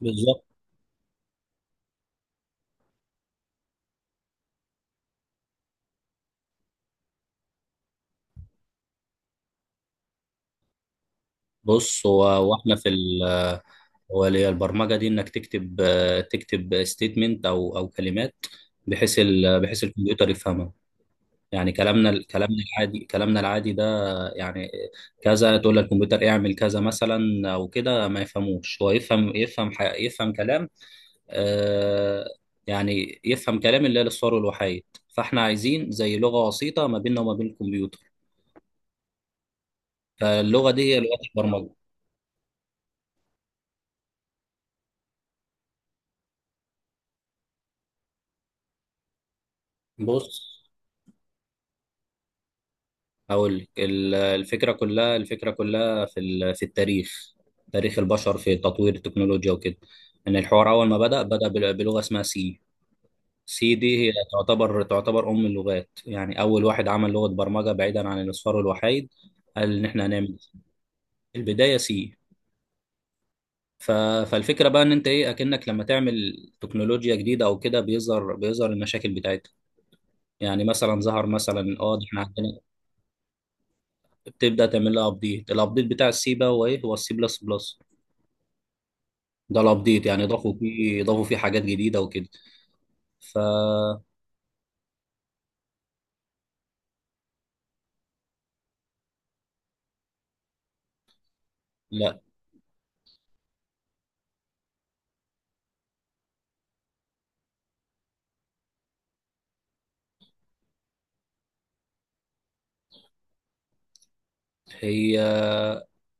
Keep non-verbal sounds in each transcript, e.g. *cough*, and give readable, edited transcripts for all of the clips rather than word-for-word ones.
بالظبط. بص، هو واحنا في ال هو اللي هي البرمجه دي، انك تكتب تكتب ستيتمنت او كلمات بحيث الكمبيوتر يفهمها. يعني كلامنا العادي، كلامنا العادي ده. يعني كذا، تقول للكمبيوتر اعمل كذا مثلا، او كده ما يفهموش. هو يفهم كلام، آه، يعني يفهم كلام اللي هي للصور والوحايد. فاحنا عايزين زي لغه وسيطه ما بيننا وما بين الكمبيوتر، فاللغه دي هي لغه البرمجه. بص، أقول لك، الفكرة كلها، في التاريخ، تاريخ البشر في تطوير التكنولوجيا وكده، إن الحوار أول ما بدأ بلغة اسمها سي. سي دي هي تعتبر أم اللغات، يعني أول واحد عمل لغة برمجة بعيدا عن الأصفار والوحيد. قال إن إحنا هنعمل، البداية سي. ف... فالفكرة بقى إن أنت إيه، أكنك لما تعمل تكنولوجيا جديدة أو كده بيظهر المشاكل بتاعتها. يعني مثلا ظهر مثلا، اه ده احنا عندنا، بتبدا تعمل لها ابديت. الابديت بتاع السي بقى هو ايه؟ هو السي بلس بلس. ده الابديت، يعني ضافوا فيه حاجات جديده وكده. فلا، هي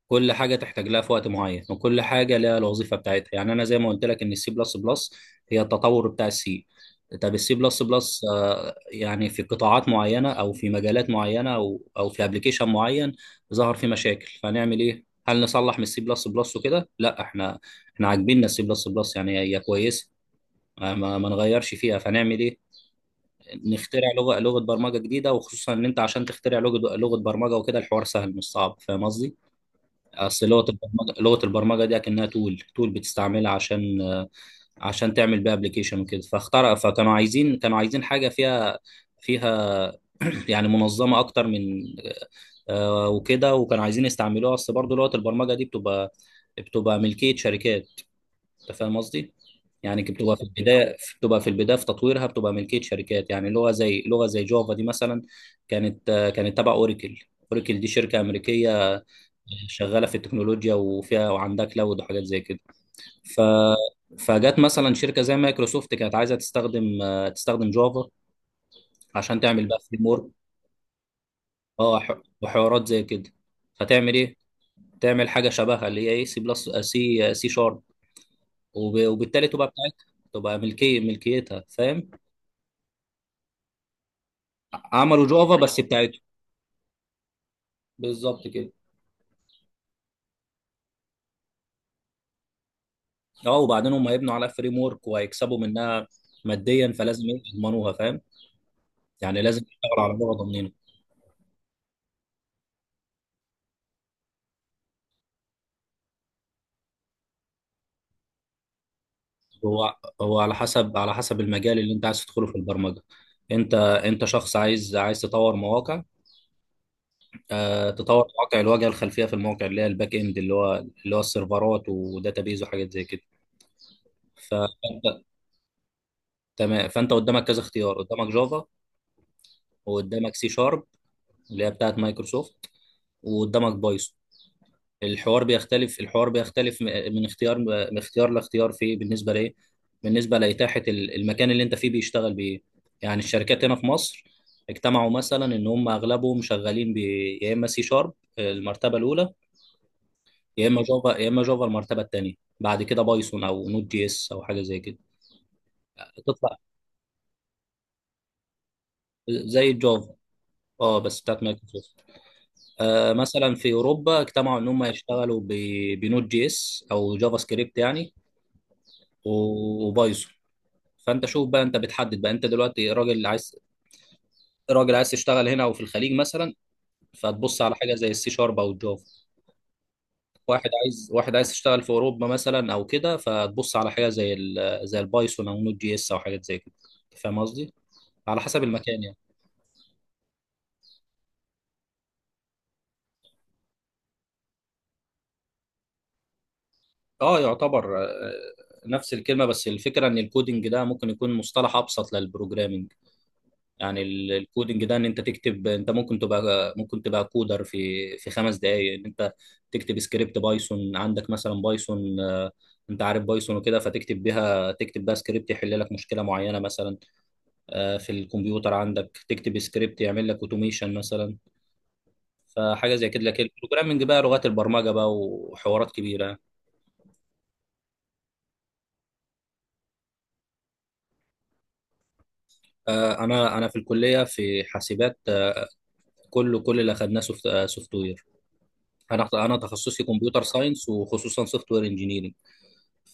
كل حاجه تحتاج لها في وقت معين، وكل حاجه لها الوظيفه بتاعتها. يعني انا زي ما قلت لك ان السي بلس بلس هي التطور بتاع السي. طب السي بلس بلس، يعني في قطاعات معينه او في مجالات معينه او في ابلكيشن معين ظهر فيه مشاكل، فنعمل ايه؟ هل نصلح من السي بلس بلس وكده؟ لا، احنا عاجبيننا السي بلس بلس، يعني هي كويسه، ما نغيرش فيها. فنعمل ايه؟ نخترع لغه برمجه جديده. وخصوصا ان انت عشان تخترع لغه برمجه وكده، الحوار سهل مش صعب، فاهم قصدي؟ اصل لغه البرمجه دي اكنها تول بتستعملها عشان، عشان تعمل بيها ابلكيشن وكده. فاخترع، فكانوا عايزين، كانوا عايزين حاجه فيها *clears throat* يعني منظمه اكتر من، آه، وكده. وكانوا عايزين يستعملوها. اصل برضه لغه البرمجه دي بتبقى ملكيه شركات. انت فاهم قصدي؟ يعني كي بتبقى في البدايه، بتبقى في البدايه في تطويرها، بتبقى ملكيه شركات. يعني لغه زي جافا دي مثلا كانت، آه، كانت تبع اوراكل. اوراكل دي شركه امريكيه شغاله في التكنولوجيا، وعندها كلاود وحاجات زي كده. ف، فجت مثلا شركه زي مايكروسوفت كانت عايزه تستخدم، آه، تستخدم جافا عشان تعمل بقى فريم ورك. وحوارات زي كده. فتعمل ايه؟ تعمل حاجه شبهها اللي هي ايه، سي بلس سي سي شارب. وبالتالي تبقى بتاعتها، تبقى ملكيتها، فاهم؟ عملوا جافا بس بتاعت، بالظبط كده. اه، وبعدين هم هيبنوا على فريم ورك وهيكسبوا منها ماديا، فلازم إيه؟ يضمنوها، فاهم؟ يعني لازم تشتغل على لغه ضامنينها. هو هو على حسب، على حسب المجال اللي انت عايز تدخله في البرمجه. انت شخص عايز تطور مواقع، آه تطور مواقع، الواجهه الخلفيه في المواقع اللي هي الباك اند، اللي هو، اللي هو السيرفرات وداتابيز وحاجات زي كده. فانت، تمام، فانت قدامك كذا اختيار: قدامك جافا، وقدامك سي شارب اللي هي بتاعت مايكروسوفت، وقدامك بايثون. الحوار بيختلف من اختيار لاختيار في، بالنسبه لايه؟ بالنسبه لاتاحه المكان اللي انت فيه بيشتغل بايه. يعني الشركات هنا في مصر اجتمعوا مثلا ان هم اغلبهم شغالين ب، يا اما سي شارب المرتبه الاولى، يا اما جافا، يا اما جافا المرتبه الثانيه. بعد كده بايثون او نود جي اس او حاجه زي كده. تطلع زي الجافا، اه بس بتاعت مايكروسوفت. آه مثلا في اوروبا اجتمعوا ان هم يشتغلوا بنود جي اس او جافا سكريبت يعني، وبايثون. فانت شوف بقى، انت بتحدد بقى. انت دلوقتي راجل عايز، راجل عايز تشتغل هنا او في الخليج مثلا، فتبص على حاجه زي السي شارب او الجافا. واحد عايز يشتغل في اوروبا مثلا او كده، فتبص على حاجه زي زي البايثون او نوت جي اس او حاجات زي كده. فاهم قصدي؟ على حسب المكان يعني. اه يعتبر، آه، نفس الكلمه، بس الفكره ان الكودينج ده ممكن يكون مصطلح ابسط للبروجرامينج. يعني الكودينج ده ان انت تكتب، انت ممكن تبقى كودر في، في خمس دقائق، ان انت تكتب سكريبت بايثون عندك مثلا. بايثون، انت عارف بايثون وكده، فتكتب بيها، تكتب بقى سكريبت يحل لك مشكله معينه مثلا، آه، في الكمبيوتر عندك. تكتب سكريبت يعمل لك اوتوميشن مثلا، فحاجه زي كده. لكن البروجرامنج بقى، لغات البرمجه بقى وحوارات كبيره. آه، انا في الكليه، في حاسبات، آه، كله، كل اللي اخدناه سوفت وير. انا تخصصي كمبيوتر ساينس، وخصوصا سوفت وير انجينيرنج.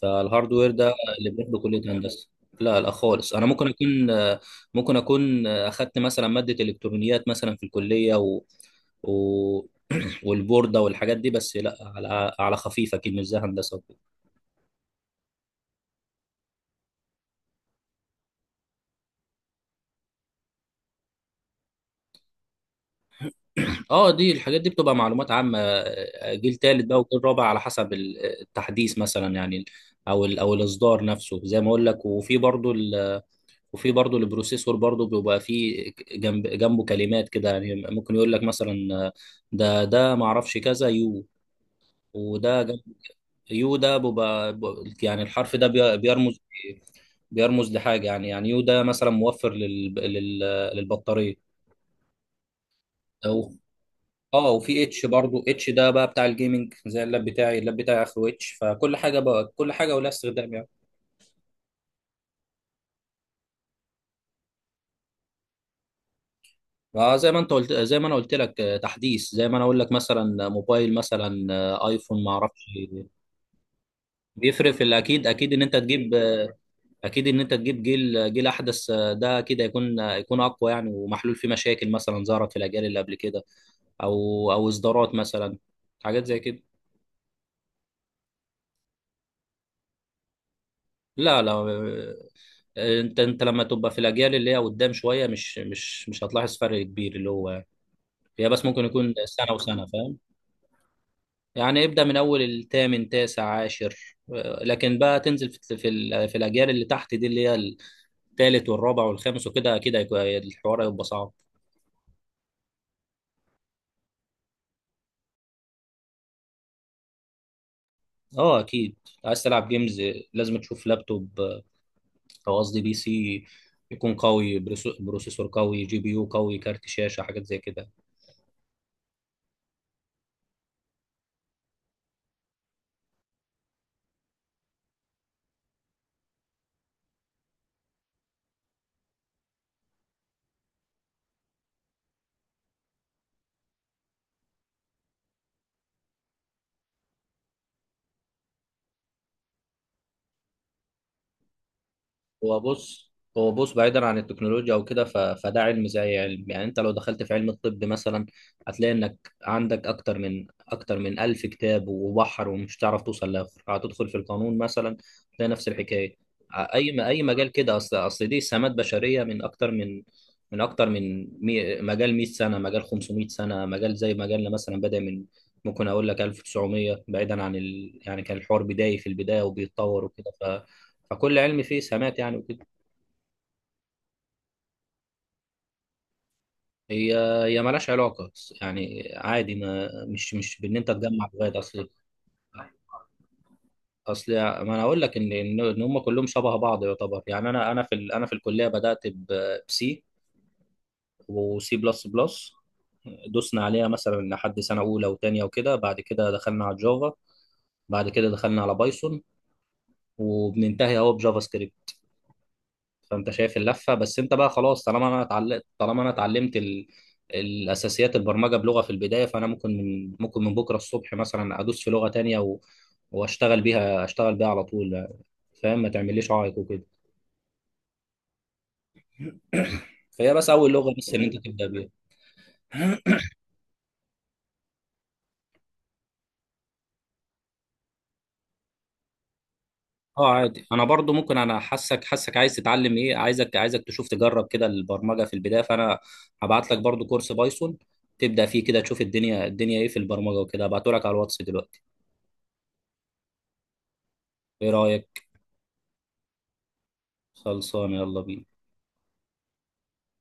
فالهاردوير ده اللي بياخده كلية هندسة. لا لا خالص، انا ممكن اكون، ممكن اكون اخدت مثلا مادة الكترونيات مثلا في الكلية، و... و... *clears throat* والبوردة والحاجات دي، بس لا، على، على خفيف، اكيد مش زي هندسة وكده. *clears throat* اه دي الحاجات دي بتبقى معلومات عامة. آه، جيل تالت بقى وجيل رابع على حسب التحديث مثلا يعني، او او الاصدار نفسه زي ما اقول لك. وفي برضو، وفي برضه البروسيسور برضه بيبقى فيه جنب، جنبه كلمات كده يعني، ممكن يقول لك مثلا ده ما اعرفش كذا يو، وده جنب. يو ده بيبقى، يعني الحرف ده بيرمز، بيرمز لحاجه. يعني، يعني يو ده مثلا موفر لل للبطاريه او اه، وفي اتش برضه. اتش ده بقى بتاع الجيمنج. زي اللاب بتاعي، اللاب بتاعي اخره اتش. فكل حاجه بقى، كل حاجه ولها استخدام يعني. اه زي ما انت قلت، زي ما انا قلت لك، آه، تحديث. زي ما انا اقول لك مثلا موبايل مثلا، آه، ايفون ما اعرفش. بيفرق في الاكيد، اكيد ان انت تجيب، آه، اكيد ان انت تجيب جيل، آه، جيل احدث، آه، ده كده يكون، آه، يكون اقوى يعني، ومحلول فيه مشاكل مثلا ظهرت في الاجيال اللي قبل كده، او او اصدارات مثلا، حاجات زي كده. لا لا، آه، آه، انت، انت لما تبقى في الاجيال اللي هي قدام شويه، مش مش هتلاحظ فرق كبير اللي هو يعني. هي بس ممكن يكون سنه وسنه، فاهم؟ يعني ابدأ من أول الثامن، تاسع، عاشر، آه، لكن بقى تنزل في، في الأجيال اللي تحت دي اللي هي الثالث والرابع والخامس وكده، أكيد هيكون، الحوار هيبقى صعب. أه أكيد، عايز تلعب جيمز، لازم تشوف لابتوب، آه، أو قصدي بي سي، يكون قوي، بروسيسور قوي، جي بي يو قوي، كارت شاشة، حاجات زي كده. هو بص، هو بص بعيدا عن التكنولوجيا او كده، فده علم زي علم. يعني انت لو دخلت في علم الطب مثلا، هتلاقي انك عندك اكتر من الف كتاب، وبحر، ومش هتعرف توصل لاخر. هتدخل في القانون مثلا، هتلاقي نفس الحكايه. اي ما اي مجال كده. اصل دي سمات بشريه من اكتر من، مجال 100 سنه، مجال 500 سنه. مجال زي مجالنا مثلا بدا من، ممكن اقول لك 1900، بعيدا عن يعني كان الحوار بداية في البدايه وبيتطور وكده. فكل علم فيه سمات يعني وكده. هي هي مالهاش علاقه، بس يعني عادي، ما مش بان انت تجمع لغايه. اصل، اصل ما انا اقول لك ان، ان، إن هم كلهم شبه بعض يعتبر. يعني انا في الكليه بدات بسي وسي بلس بلس، دوسنا عليها مثلا لحد سنه اولى وثانيه وكده. بعد كده دخلنا على جافا، بعد كده دخلنا على بايثون، وبننتهي اهو بجافا سكريبت. فانت شايف اللفه. بس انت بقى خلاص، طالما انا اتعلمت الاساسيات، البرمجه بلغه في البدايه، فانا ممكن من، ممكن من بكره الصبح مثلا ادوس في لغه تانية، و... واشتغل بيها، اشتغل بيها على طول، فاهم؟ ما تعمليش عائق وكده. *coughs* فهي بس اول لغه بس ان انت تبدا بيها. اه عادي، انا برضو ممكن، انا حاسك، حاسك عايز تتعلم، ايه عايزك، عايزك تشوف تجرب كده البرمجه في البدايه. فانا هبعت لك برضو كورس بايثون تبدا فيه، كده تشوف الدنيا، الدنيا ايه في البرمجه وكده. هبعته لك على الواتس دلوقتي. ايه رايك؟ خلصان، يلا بينا.